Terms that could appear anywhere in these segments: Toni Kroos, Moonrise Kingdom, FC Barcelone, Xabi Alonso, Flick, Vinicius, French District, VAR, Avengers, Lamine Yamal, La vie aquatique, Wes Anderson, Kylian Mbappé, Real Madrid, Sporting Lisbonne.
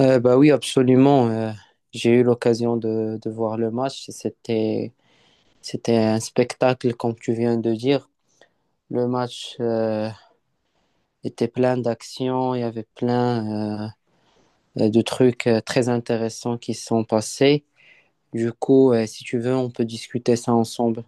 Bah oui, absolument. J'ai eu l'occasion de voir le match. C'était un spectacle, comme tu viens de dire. Le match était plein d'actions, il y avait plein de trucs très intéressants qui se sont passés. Du coup, si tu veux, on peut discuter ça ensemble.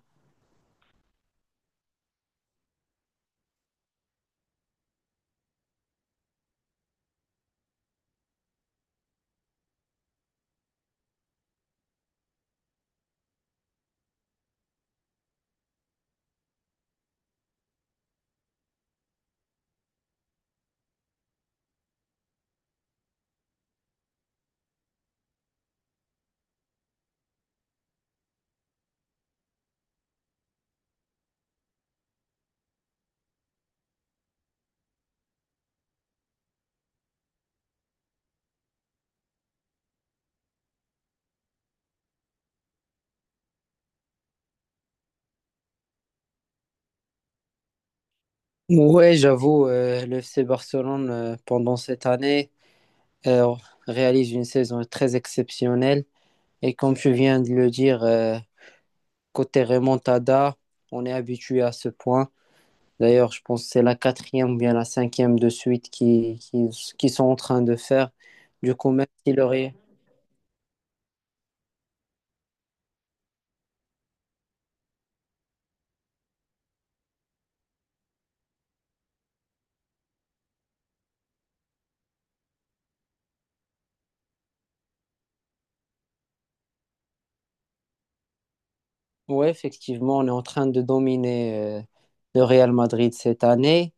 Ouais, j'avoue, le FC Barcelone, pendant cette année, euh, réalise une saison très exceptionnelle. Et comme tu viens de le dire, côté remontada, on est habitué à ce point. D'ailleurs, je pense que c'est la quatrième ou bien la cinquième de suite qui sont en train de faire. Du coup, même si le Real... Oui, effectivement, on est en train de dominer le Real Madrid cette année.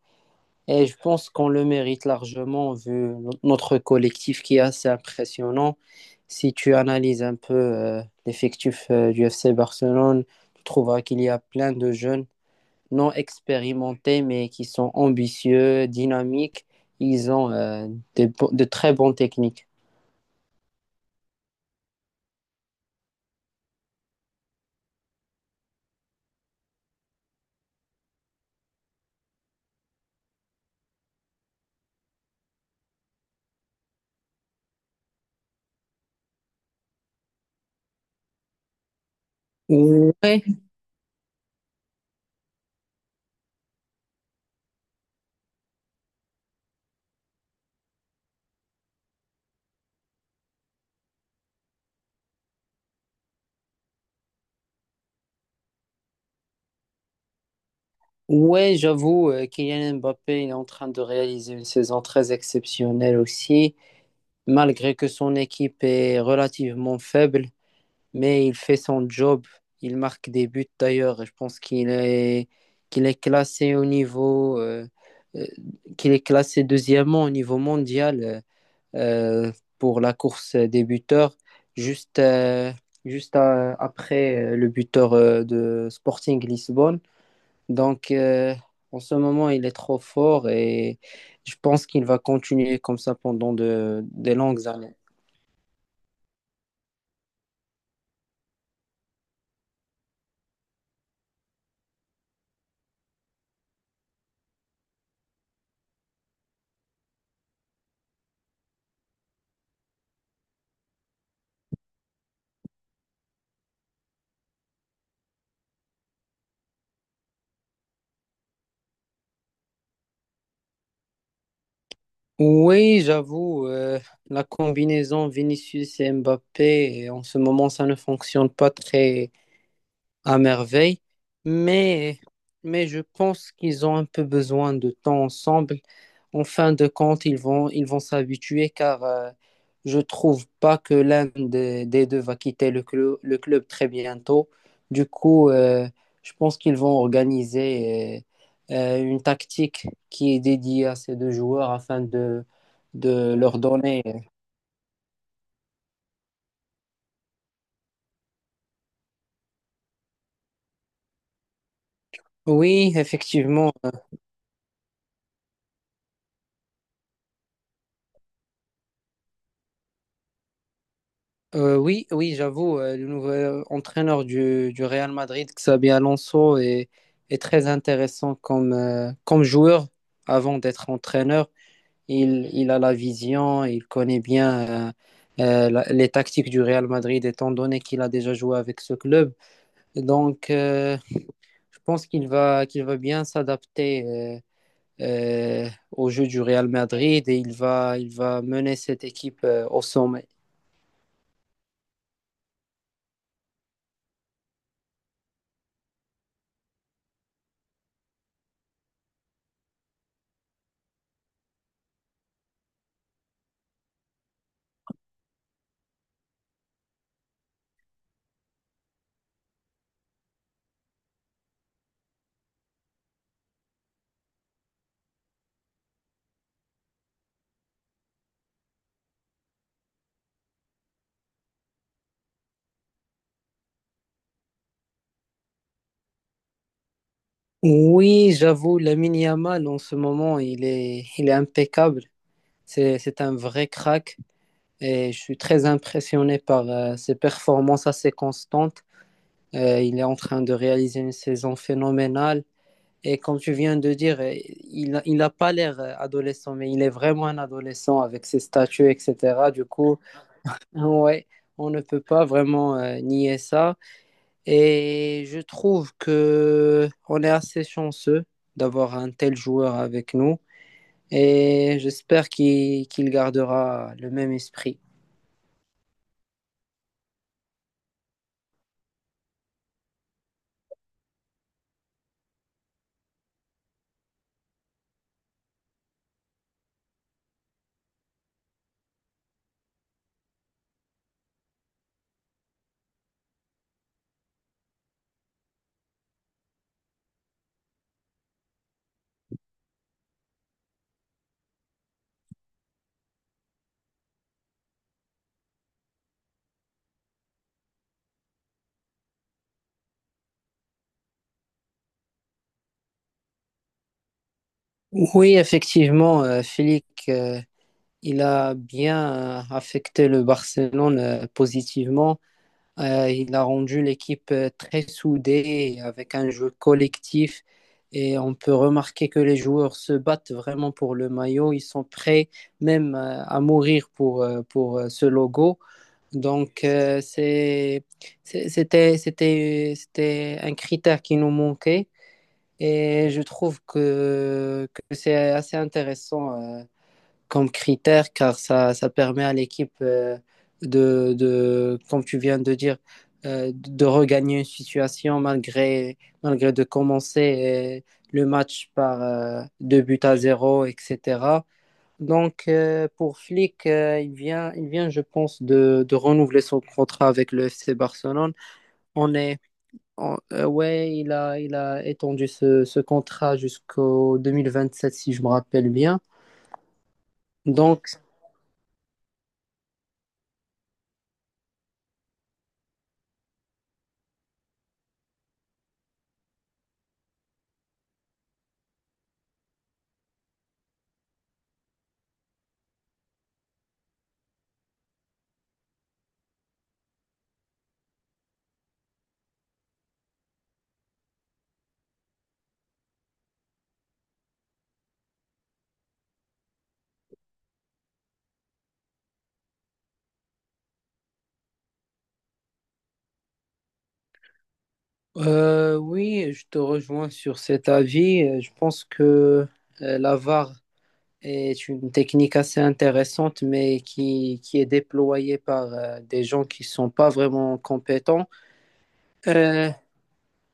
Et je pense qu'on le mérite largement vu notre collectif qui est assez impressionnant. Si tu analyses un peu l'effectif du FC Barcelone, tu trouveras qu'il y a plein de jeunes non expérimentés, mais qui sont ambitieux, dynamiques. Ils ont de très bonnes techniques. Ouais, ouais, j'avoue, Kylian Mbappé il est en train de réaliser une saison très exceptionnelle aussi, malgré que son équipe est relativement faible, mais il fait son job. Il marque des buts d'ailleurs. Je pense qu'il est classé au niveau, euh, qu'il est classé deuxièmement au niveau mondial. Euh, pour la course débuteur, juste, euh, juste après le buteur de Sporting Lisbonne. Donc, en ce moment, il est trop fort et je pense qu'il va continuer comme ça pendant des longues années. Oui, j'avoue, la combinaison Vinicius et Mbappé, en ce moment, ça ne fonctionne pas très, à merveille, mais, mais je pense qu'ils ont un peu besoin de temps ensemble. En fin de compte, ils vont s'habituer car je trouve pas que l'un des deux va quitter le club très bientôt. Du coup, je pense qu'ils vont organiser euh, une tactique qui est dédiée à ces deux joueurs afin de leur donner. Oui, effectivement. Oui, oui, j'avoue, le nouvel entraîneur du Real Madrid, Xabi Alonso, est très intéressant comme, comme joueur avant d'être entraîneur. Il a la vision, il connaît bien les tactiques du Real Madrid, étant donné qu'il a déjà joué avec ce club. Donc, je pense qu'il va bien s'adapter au jeu du Real Madrid et il va mener cette équipe au sommet. Oui, j'avoue, Lamine Yamal, en ce moment, il est impeccable. C'est un vrai crack et je suis très impressionné par ses performances assez constantes. Il est en train de réaliser une saison phénoménale. Et comme tu viens de dire, il n'a pas l'air adolescent, mais il est vraiment un adolescent avec ses statuts, etc. Du coup, ouais, on ne peut pas vraiment nier ça. Et je trouve que on est assez chanceux d'avoir un tel joueur avec nous et j'espère qu'il gardera le même esprit. Oui, effectivement, Flick, il a bien affecté le Barcelone positivement. Il a rendu l'équipe très soudée avec un jeu collectif et on peut remarquer que les joueurs se battent vraiment pour le maillot. Ils sont prêts même à mourir pour ce logo. Donc c'était un critère qui nous manquait et je trouve que c'est assez intéressant. euh, Comme critère car ça permet à l'équipe comme tu viens de dire, de regagner une situation malgré de commencer le match par deux buts à zéro, etc. Donc pour Flick, il vient, je pense, de renouveler son contrat avec le FC Barcelone. On est, ouais, il a étendu ce contrat jusqu'au 2027, si je me rappelle bien. Donc oui, je te rejoins sur cet avis. Je pense que la VAR est une technique assez intéressante, mais qui est déployée par des gens qui ne sont pas vraiment compétents. Euh,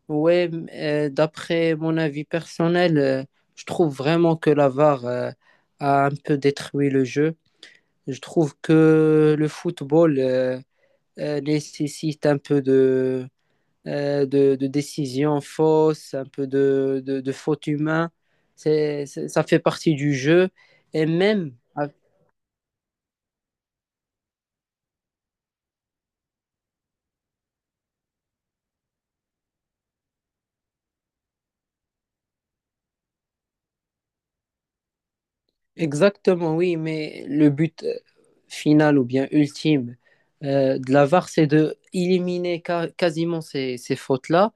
D'après mon avis personnel, je trouve vraiment que la VAR a un peu détruit le jeu. Je trouve que le football nécessite un peu de décisions fausses, un peu de fautes humaines. Ça fait partie du jeu. Et même, ah, Exactement, oui, mais le but final ou bien ultime de la VAR, c'est de éliminer quasiment ces fautes-là.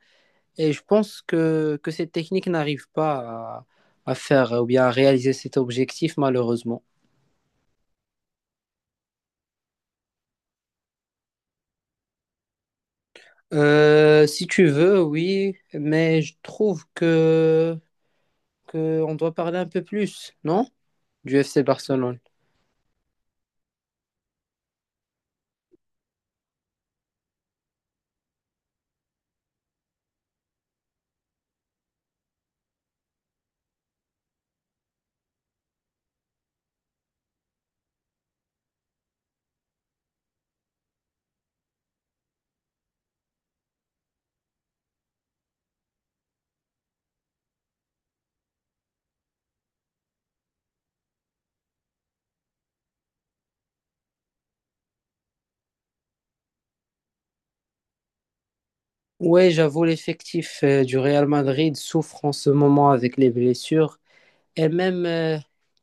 Et je pense que cette technique n'arrive pas à, à faire ou bien à réaliser cet objectif, malheureusement. Si tu veux, oui, mais je trouve que qu'on doit parler un peu plus, non? Du FC Barcelone. Ouais, j'avoue, l'effectif du Real Madrid souffre en ce moment avec les blessures et même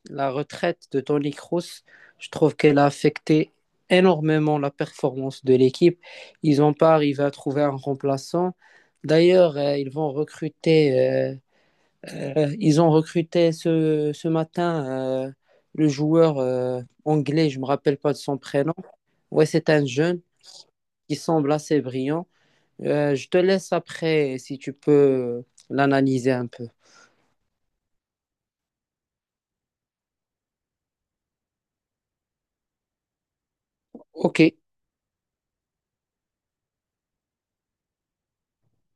la retraite de Toni Kroos, je trouve qu'elle a affecté énormément la performance de l'équipe. Ils n'ont pas arrivé à trouver un remplaçant. D'ailleurs, ils ont recruté ce matin le joueur anglais, je ne me rappelle pas de son prénom. Ouais, c'est un jeune qui semble assez brillant. Je te laisse après si tu peux l'analyser un peu. Ok,